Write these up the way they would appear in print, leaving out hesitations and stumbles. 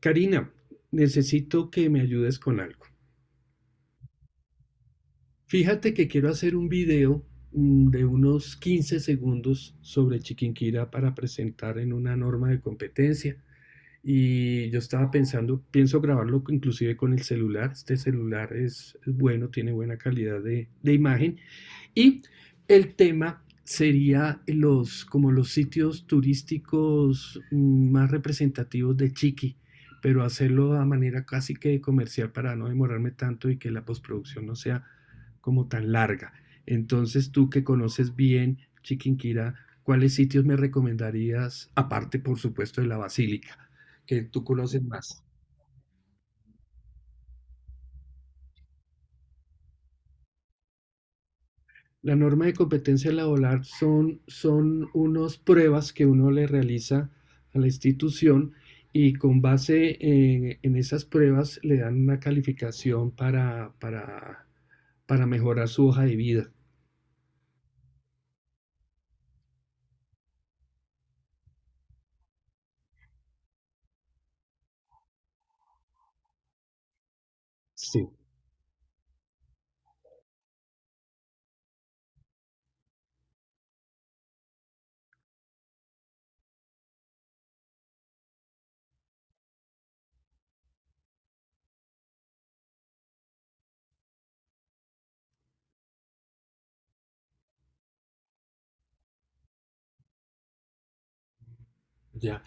Karina, necesito que me ayudes con algo. Fíjate que quiero hacer un video de unos 15 segundos sobre Chiquinquirá para presentar en una norma de competencia. Y yo estaba pensando, pienso grabarlo inclusive con el celular. Este celular es bueno, tiene buena calidad de imagen. Y el tema sería como los sitios turísticos más representativos de Chiqui, pero hacerlo a manera casi que comercial para no demorarme tanto y que la postproducción no sea como tan larga. Entonces tú que conoces bien Chiquinquirá, ¿cuáles sitios me recomendarías, aparte por supuesto de la Basílica, que tú conoces más? La norma de competencia laboral son unas pruebas que uno le realiza a la institución y con base en esas pruebas le dan una calificación para mejorar su hoja de vida. Sí, ya.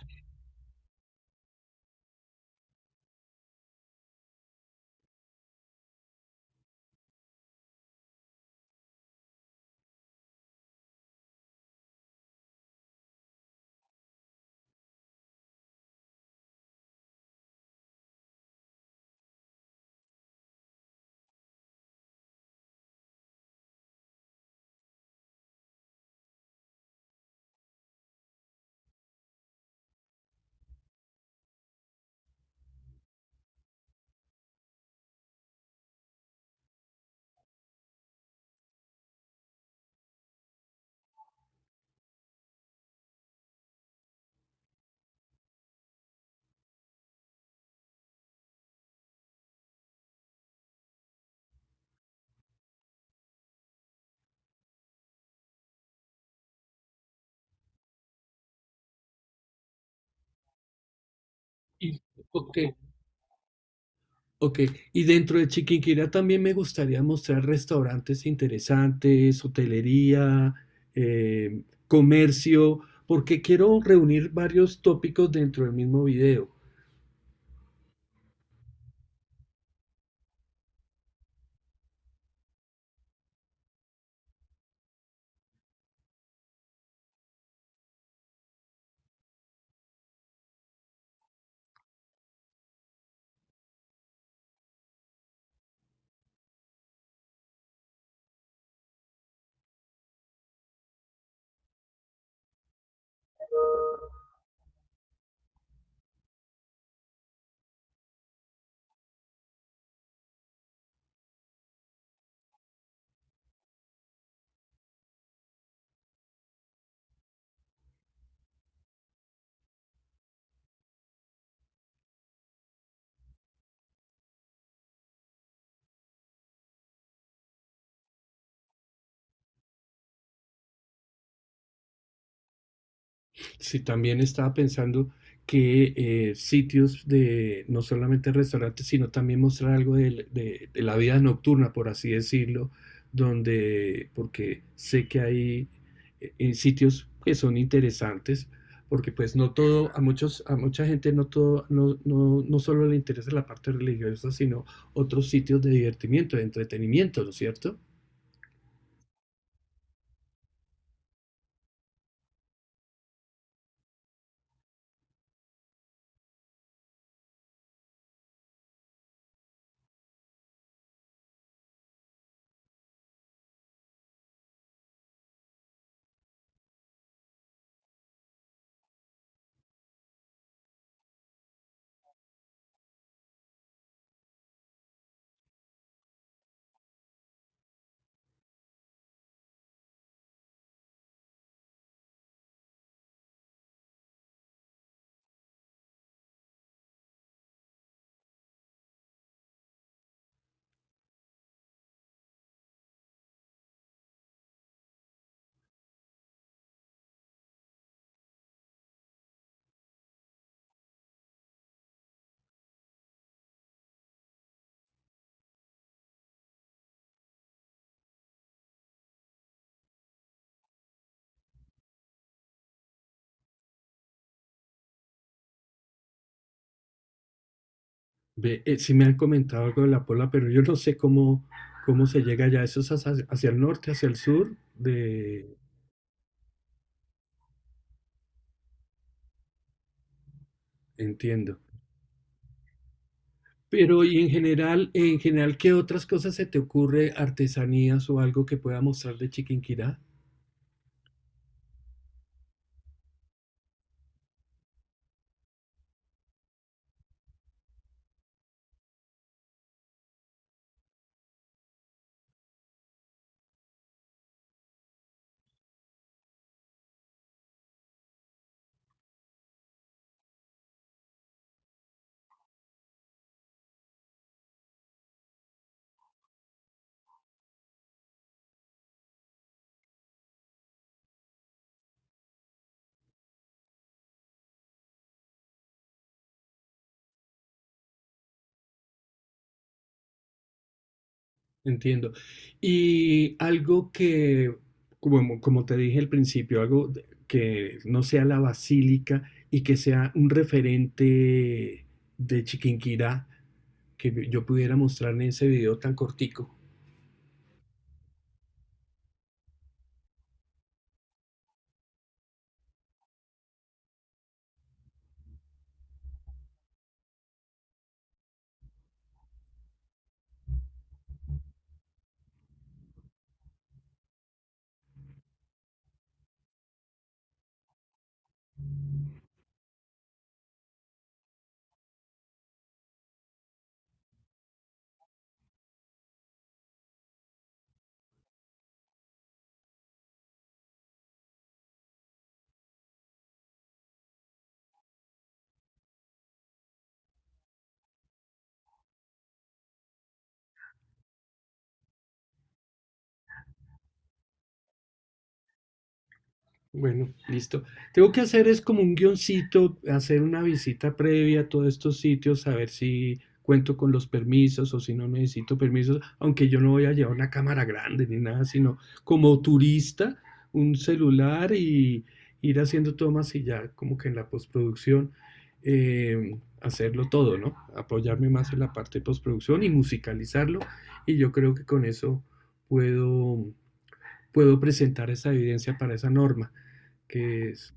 Y, ok, ok. Y dentro de Chiquinquirá también me gustaría mostrar restaurantes interesantes, hotelería, comercio, porque quiero reunir varios tópicos dentro del mismo video. Sí, también estaba pensando que sitios de no solamente restaurantes, sino también mostrar algo de la vida nocturna, por así decirlo, donde, porque sé que hay sitios que son interesantes, porque pues no todo, a muchos, a mucha gente no todo, no solo le interesa la parte religiosa, sino otros sitios de divertimiento, de entretenimiento, ¿no es cierto? Ve, sí me han comentado algo de la Pola, pero yo no sé cómo se llega allá. Eso es hacia el norte, hacia el sur, de… Entiendo. Pero y en general, ¿qué otras cosas se te ocurre, artesanías o algo que pueda mostrar de Chiquinquirá? Entiendo. Y algo que, como, como te dije al principio, algo que no sea la basílica y que sea un referente de Chiquinquirá que yo pudiera mostrar en ese video tan cortico. Bueno, listo. Tengo que hacer es como un guioncito, hacer una visita previa a todos estos sitios, a ver si cuento con los permisos o si no necesito permisos, aunque yo no voy a llevar una cámara grande ni nada, sino como turista, un celular y ir haciendo tomas y ya como que en la postproducción hacerlo todo, ¿no? Apoyarme más en la parte de postproducción y musicalizarlo y yo creo que con eso puedo, puedo presentar esa evidencia para esa norma que es,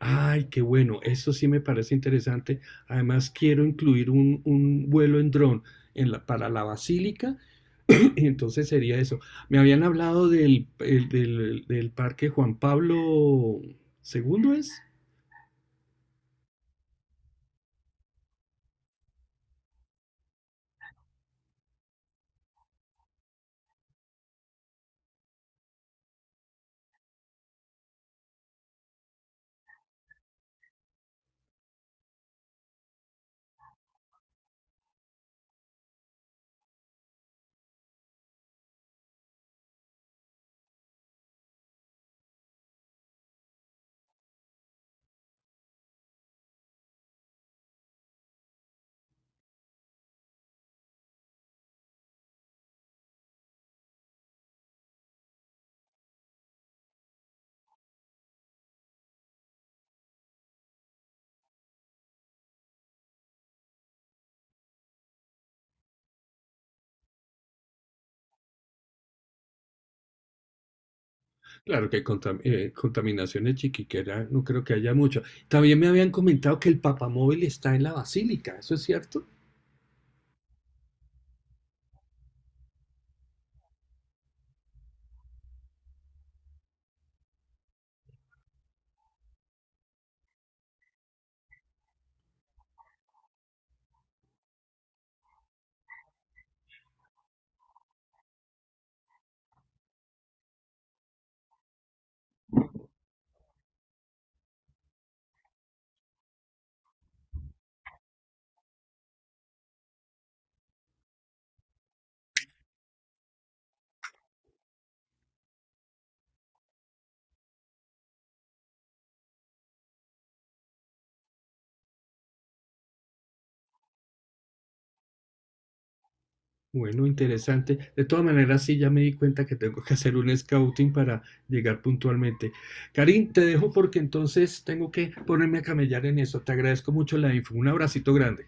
ay, qué bueno, eso sí me parece interesante. Además, quiero incluir un vuelo en dron para la basílica, y entonces sería eso. Me habían hablado del parque Juan Pablo II ¿es? Claro que contaminación de Chiquiquera no creo que haya mucho. También me habían comentado que el papamóvil está en la basílica, ¿eso es cierto? Bueno, interesante. De todas maneras, sí, ya me di cuenta que tengo que hacer un scouting para llegar puntualmente. Karin, te dejo porque entonces tengo que ponerme a camellar en eso. Te agradezco mucho la info. Un abracito grande.